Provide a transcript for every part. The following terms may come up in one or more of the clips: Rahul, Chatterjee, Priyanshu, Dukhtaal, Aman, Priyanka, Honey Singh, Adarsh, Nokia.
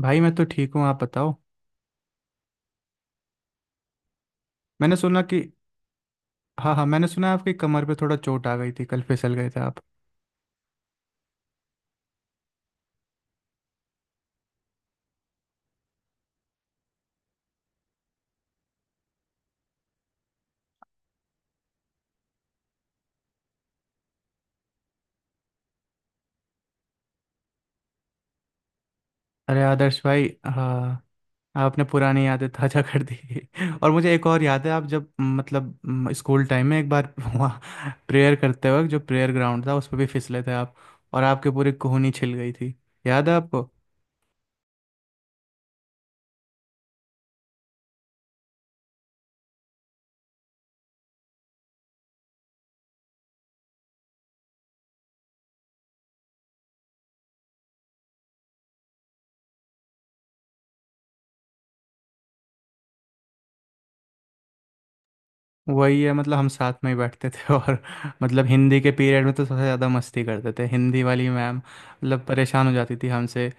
भाई, मैं तो ठीक हूँ। आप बताओ। मैंने सुना कि हाँ हाँ, मैंने सुना आपकी कमर पे थोड़ा चोट आ गई थी, कल फिसल गए थे आप। अरे आदर्श भाई, हाँ, आपने पुरानी यादें ताजा कर दी। और मुझे एक और याद है, आप जब मतलब स्कूल टाइम में एक बार वहाँ प्रेयर करते वक्त, जो प्रेयर ग्राउंड था उस पर भी फिसले थे आप। और आपके पूरी कोहनी छिल गई थी। याद है आपको? वही है, मतलब हम साथ में ही बैठते थे और मतलब हिंदी के पीरियड में तो सबसे ज़्यादा मस्ती करते थे। हिंदी वाली मैम मतलब परेशान हो जाती थी हमसे।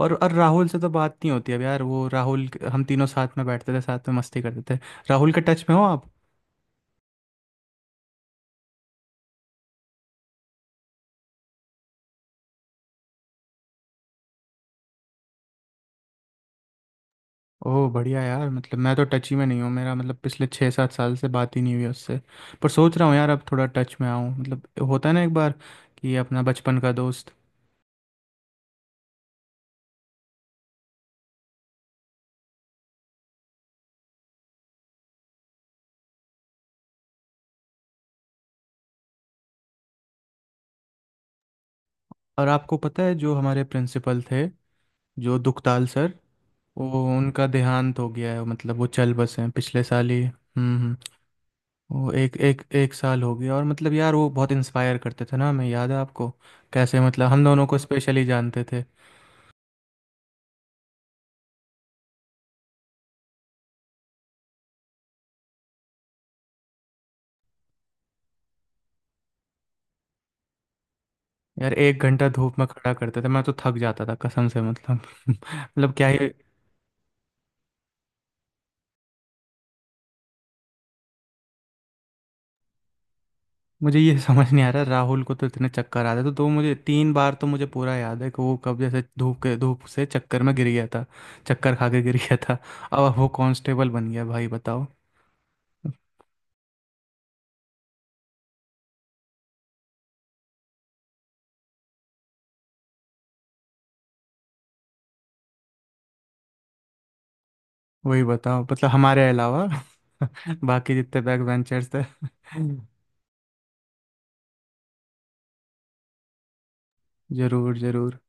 और राहुल से तो बात नहीं होती अब यार, वो राहुल, हम तीनों साथ में बैठते थे, साथ में मस्ती करते थे। राहुल के टच में हो आप? ओह, बढ़िया यार, मतलब मैं तो टच ही में नहीं हूँ। मेरा मतलब, पिछले 6-7 साल से बात ही नहीं हुई उससे। पर सोच रहा हूँ यार, अब थोड़ा टच में आऊँ, मतलब होता है ना एक बार कि अपना बचपन का दोस्त। और आपको पता है जो हमारे प्रिंसिपल थे, जो दुखताल सर, वो उनका देहांत हो गया है, मतलब वो चल बसे हैं पिछले साल ही। हम्म, हम्म। वो एक एक एक साल हो गया, और मतलब यार वो बहुत इंस्पायर करते थे ना हमें। याद है आपको कैसे, मतलब हम दोनों को स्पेशली जानते थे। यार, एक घंटा धूप में खड़ा करते थे, मैं तो थक जाता था कसम से, मतलब मतलब क्या ही। मुझे ये समझ नहीं आ रहा, राहुल को तो इतने चक्कर आते थे, तो मुझे 3 बार तो मुझे पूरा याद है कि वो कब जैसे धूप के धूप से चक्कर में गिर गया था, चक्कर खा के गिर गया था। अब वो कांस्टेबल बन गया, भाई बताओ। वही बताओ, मतलब हमारे अलावा बाकी जितने बैक बेंचर्स थे। जरूर जरूर।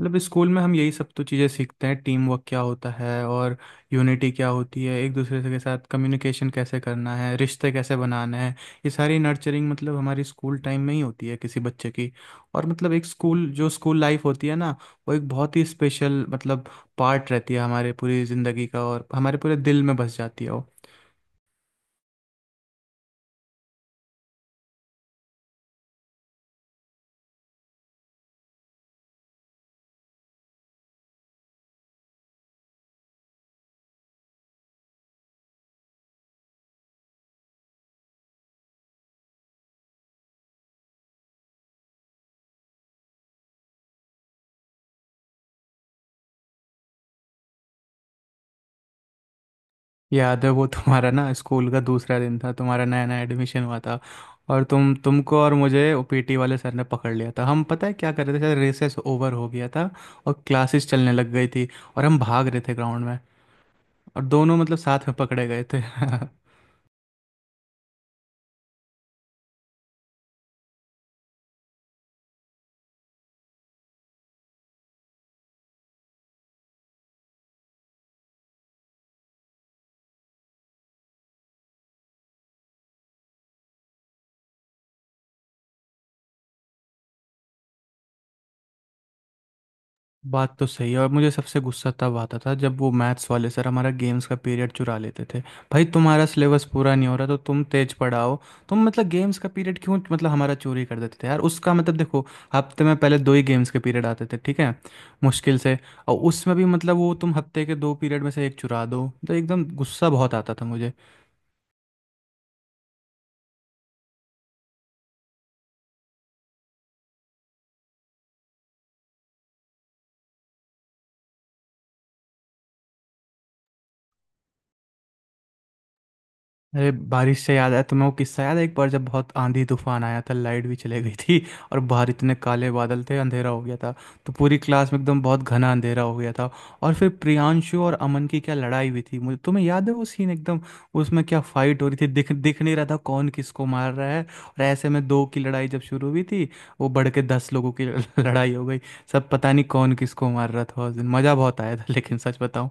मतलब स्कूल में हम यही सब तो चीज़ें सीखते हैं, टीम वर्क क्या होता है और यूनिटी क्या होती है, एक दूसरे से के साथ कम्युनिकेशन कैसे करना है, रिश्ते कैसे बनाने हैं। ये सारी नर्चरिंग मतलब हमारी स्कूल टाइम में ही होती है किसी बच्चे की। और मतलब एक स्कूल, जो स्कूल लाइफ होती है ना, वो एक बहुत ही स्पेशल मतलब पार्ट रहती है हमारे पूरी ज़िंदगी का, और हमारे पूरे दिल में बस जाती है वो। याद है वो तुम्हारा ना स्कूल का दूसरा दिन था, तुम्हारा नया नया एडमिशन हुआ था, और तुमको और मुझे पीटी वाले सर ने पकड़ लिया था। हम, पता है क्या कर रहे थे? शायद रेसेस ओवर हो गया था और क्लासेस चलने लग गई थी, और हम भाग रहे थे ग्राउंड में, और दोनों मतलब साथ में पकड़े गए थे। बात तो सही है, और मुझे सबसे गुस्सा तब आता था जब वो मैथ्स वाले सर हमारा गेम्स का पीरियड चुरा लेते थे। भाई, तुम्हारा सिलेबस पूरा नहीं हो रहा तो तुम तेज पढ़ाओ, तुम मतलब गेम्स का पीरियड क्यों मतलब हमारा चोरी कर देते थे यार। उसका मतलब देखो, हफ्ते में पहले दो ही गेम्स के पीरियड आते थे, ठीक है, मुश्किल से, और उसमें भी मतलब वो तुम हफ्ते के दो पीरियड में से एक चुरा दो, तो एकदम गुस्सा बहुत आता था मुझे। अरे, बारिश से याद है तुम्हें वो किस्सा? याद है एक बार जब बहुत आंधी तूफान आया था, लाइट भी चले गई थी और बाहर इतने काले बादल थे, अंधेरा हो गया था, तो पूरी क्लास में एकदम बहुत घना अंधेरा हो गया था, और फिर प्रियांशु और अमन की क्या लड़ाई हुई थी मुझे, तुम्हें याद है वो सीन एकदम? उसमें क्या फाइट हो रही थी, दिख दिख नहीं रहा था कौन किसको मार रहा है, और ऐसे में दो की लड़ाई जब शुरू हुई थी, वो बढ़ के 10 लोगों की लड़ाई हो गई। सब पता नहीं कौन किसको मार रहा था, उस दिन मज़ा बहुत आया था लेकिन सच बताऊं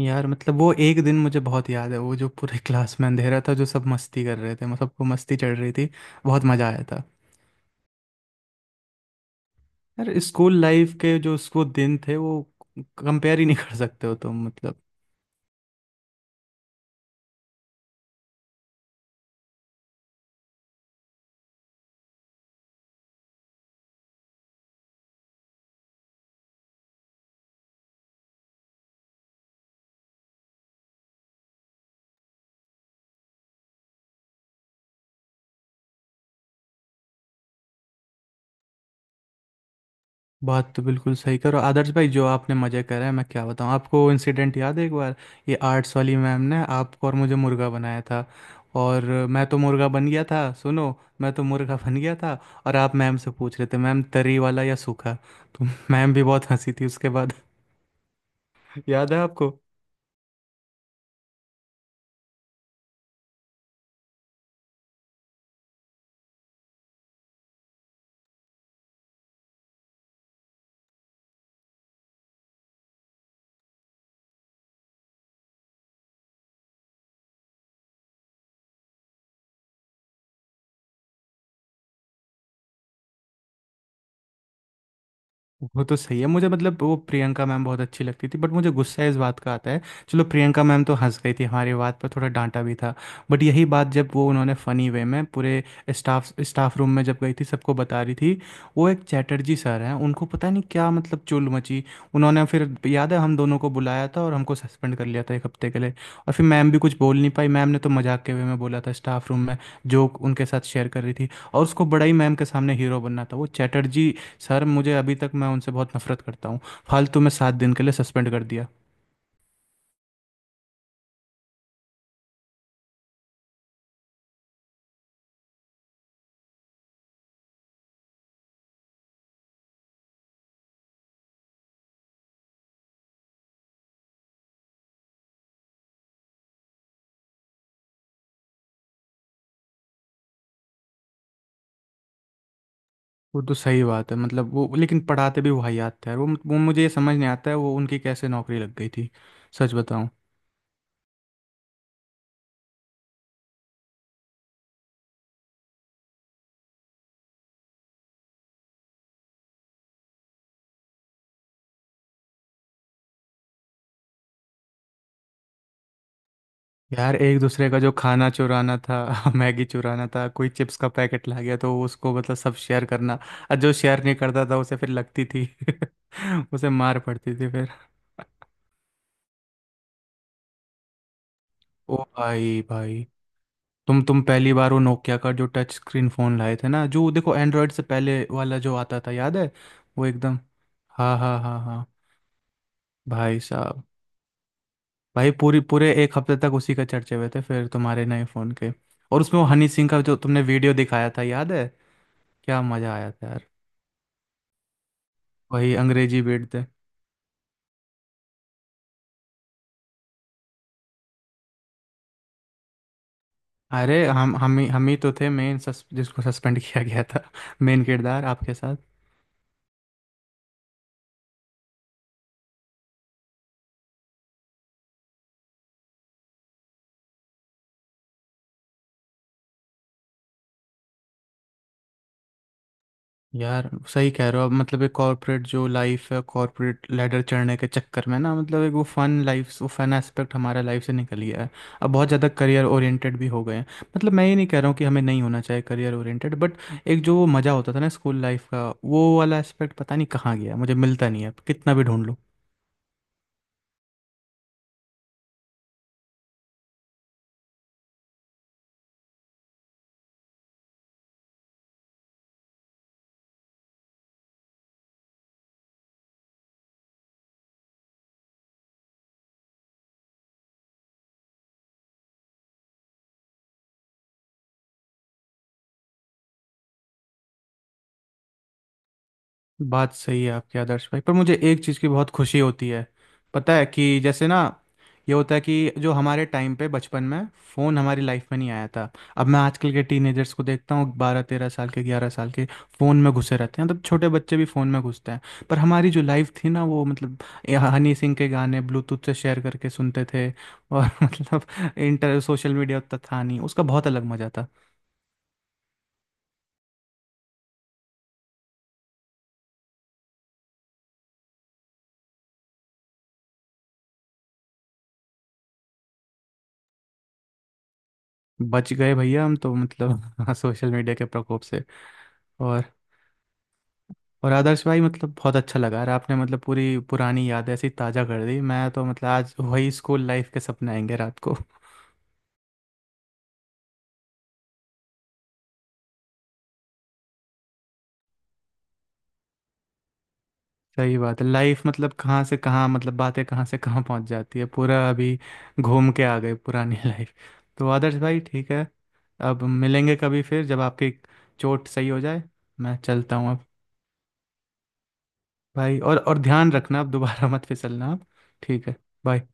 यार, मतलब वो एक दिन मुझे बहुत याद है, वो जो पूरे क्लास में अंधेरा था, जो सब मस्ती कर रहे थे, मतलब सबको मस्ती चढ़ रही थी, बहुत मज़ा आया था। यार, स्कूल लाइफ के जो उसको दिन थे वो कंपेयर ही नहीं कर सकते हो तुम, मतलब बात तो बिल्कुल सही करो आदर्श भाई। जो आपने मज़े करे हैं, मैं क्या बताऊँ आपको। इंसिडेंट याद है, एक बार ये आर्ट्स वाली मैम ने आपको और मुझे मुर्गा बनाया था, और मैं तो मुर्गा बन गया था, सुनो, मैं तो मुर्गा बन गया था, और आप मैम से पूछ रहे थे, मैम, तरी वाला या सूखा? तो मैम भी बहुत हंसी थी उसके बाद। याद है आपको? वो तो सही है, मुझे मतलब वो प्रियंका मैम बहुत अच्छी लगती थी, बट मुझे गुस्सा इस बात का आता है। चलो, प्रियंका मैम तो हंस गई थी हमारी बात पर, थोड़ा डांटा भी था, बट यही बात जब वो उन्होंने फनी वे में पूरे स्टाफ स्टाफ रूम में जब गई थी सबको बता रही थी, वो एक चैटर्जी सर हैं उनको पता नहीं क्या मतलब चुल मची। उन्होंने फिर, याद है, हम दोनों को बुलाया था और हमको सस्पेंड कर लिया था एक हफ्ते के लिए, और फिर मैम भी कुछ बोल नहीं पाई, मैम ने तो मजाक के वे में बोला था स्टाफ रूम में, जोक उनके साथ शेयर कर रही थी, और उसको बड़ा ही मैम के सामने हीरो बनना था वो चैटर्जी सर। मुझे अभी तक, मैं उनसे बहुत नफरत करता हूँ, फालतू में 7 दिन के लिए सस्पेंड कर दिया। वो तो सही बात है, मतलब वो लेकिन पढ़ाते भी वाहियात थे यार, वो मुझे ये समझ नहीं आता है वो उनकी कैसे नौकरी लग गई थी, सच बताऊँ। यार, एक दूसरे का जो खाना चुराना था मैगी चुराना था, कोई चिप्स का पैकेट ला गया तो उसको मतलब सब शेयर करना, और जो शेयर नहीं करता था उसे फिर लगती थी, उसे मार पड़ती थी फिर। ओ भाई, भाई, तुम पहली बार वो नोकिया का जो टच स्क्रीन फ़ोन लाए थे ना, जो देखो एंड्रॉयड से पहले वाला जो आता था, याद है? वो एकदम, हाँ हाँ हाँ हाँ, भाई साहब, भाई पूरी पूरे एक हफ्ते तक उसी का चर्चे हुए थे फिर तुम्हारे नए फ़ोन के, और उसमें वो हनी सिंह का जो तुमने वीडियो दिखाया था, याद है? क्या मज़ा आया था यार। वही अंग्रेजी बेट थे। अरे, हम ही तो थे मेन जिसको सस्पेंड किया गया था, मेन किरदार आपके साथ। यार सही कह रहे हो, अब मतलब एक कॉर्पोरेट जो लाइफ है, कॉर्पोरेट लेडर चढ़ने के चक्कर में ना मतलब एक वो फन लाइफ वो फन एस्पेक्ट हमारा लाइफ से निकल गया है। अब बहुत ज़्यादा करियर ओरिएंटेड भी हो गए हैं। मतलब, मैं ये नहीं कह रहा हूँ कि हमें नहीं होना चाहिए करियर ओरिएंटेड, बट एक जो वो मज़ा होता था ना स्कूल लाइफ का, वो वाला एस्पेक्ट पता नहीं कहाँ गया, मुझे मिलता नहीं है अब कितना भी ढूंढ। बात सही है आपके आदर्श भाई, पर मुझे एक चीज़ की बहुत खुशी होती है। पता है कि जैसे ना, ये होता है कि जो हमारे टाइम पे बचपन में फ़ोन हमारी लाइफ में नहीं आया था। अब मैं आजकल के टीनेजर्स को देखता हूँ, 12-13 साल के, 11 साल के, फ़ोन में घुसे रहते हैं, मतलब छोटे बच्चे भी फ़ोन में घुसते हैं। पर हमारी जो लाइफ थी ना, वो मतलब ये हनी सिंह के गाने ब्लूटूथ से शेयर करके सुनते थे, और मतलब इंटर सोशल मीडिया उतना था नहीं, उसका बहुत अलग मज़ा था। बच गए भैया हम तो, मतलब सोशल मीडिया के प्रकोप से। और और आदर्श भाई, मतलब बहुत अच्छा लगा यार। आपने मतलब पूरी पुरानी याद ऐसी ताज़ा कर दी, मैं तो मतलब आज वही स्कूल लाइफ के सपने आएंगे रात को। सही बात है, लाइफ मतलब कहाँ से कहाँ, मतलब बातें कहाँ से कहाँ पहुँच जाती है, पूरा अभी घूम के आ गए पुरानी लाइफ। तो आदर्श भाई, ठीक है, अब मिलेंगे कभी फिर जब आपकी चोट सही हो जाए। मैं चलता हूँ अब भाई। और ध्यान रखना, अब दोबारा मत फिसलना आप। ठीक है। बाय।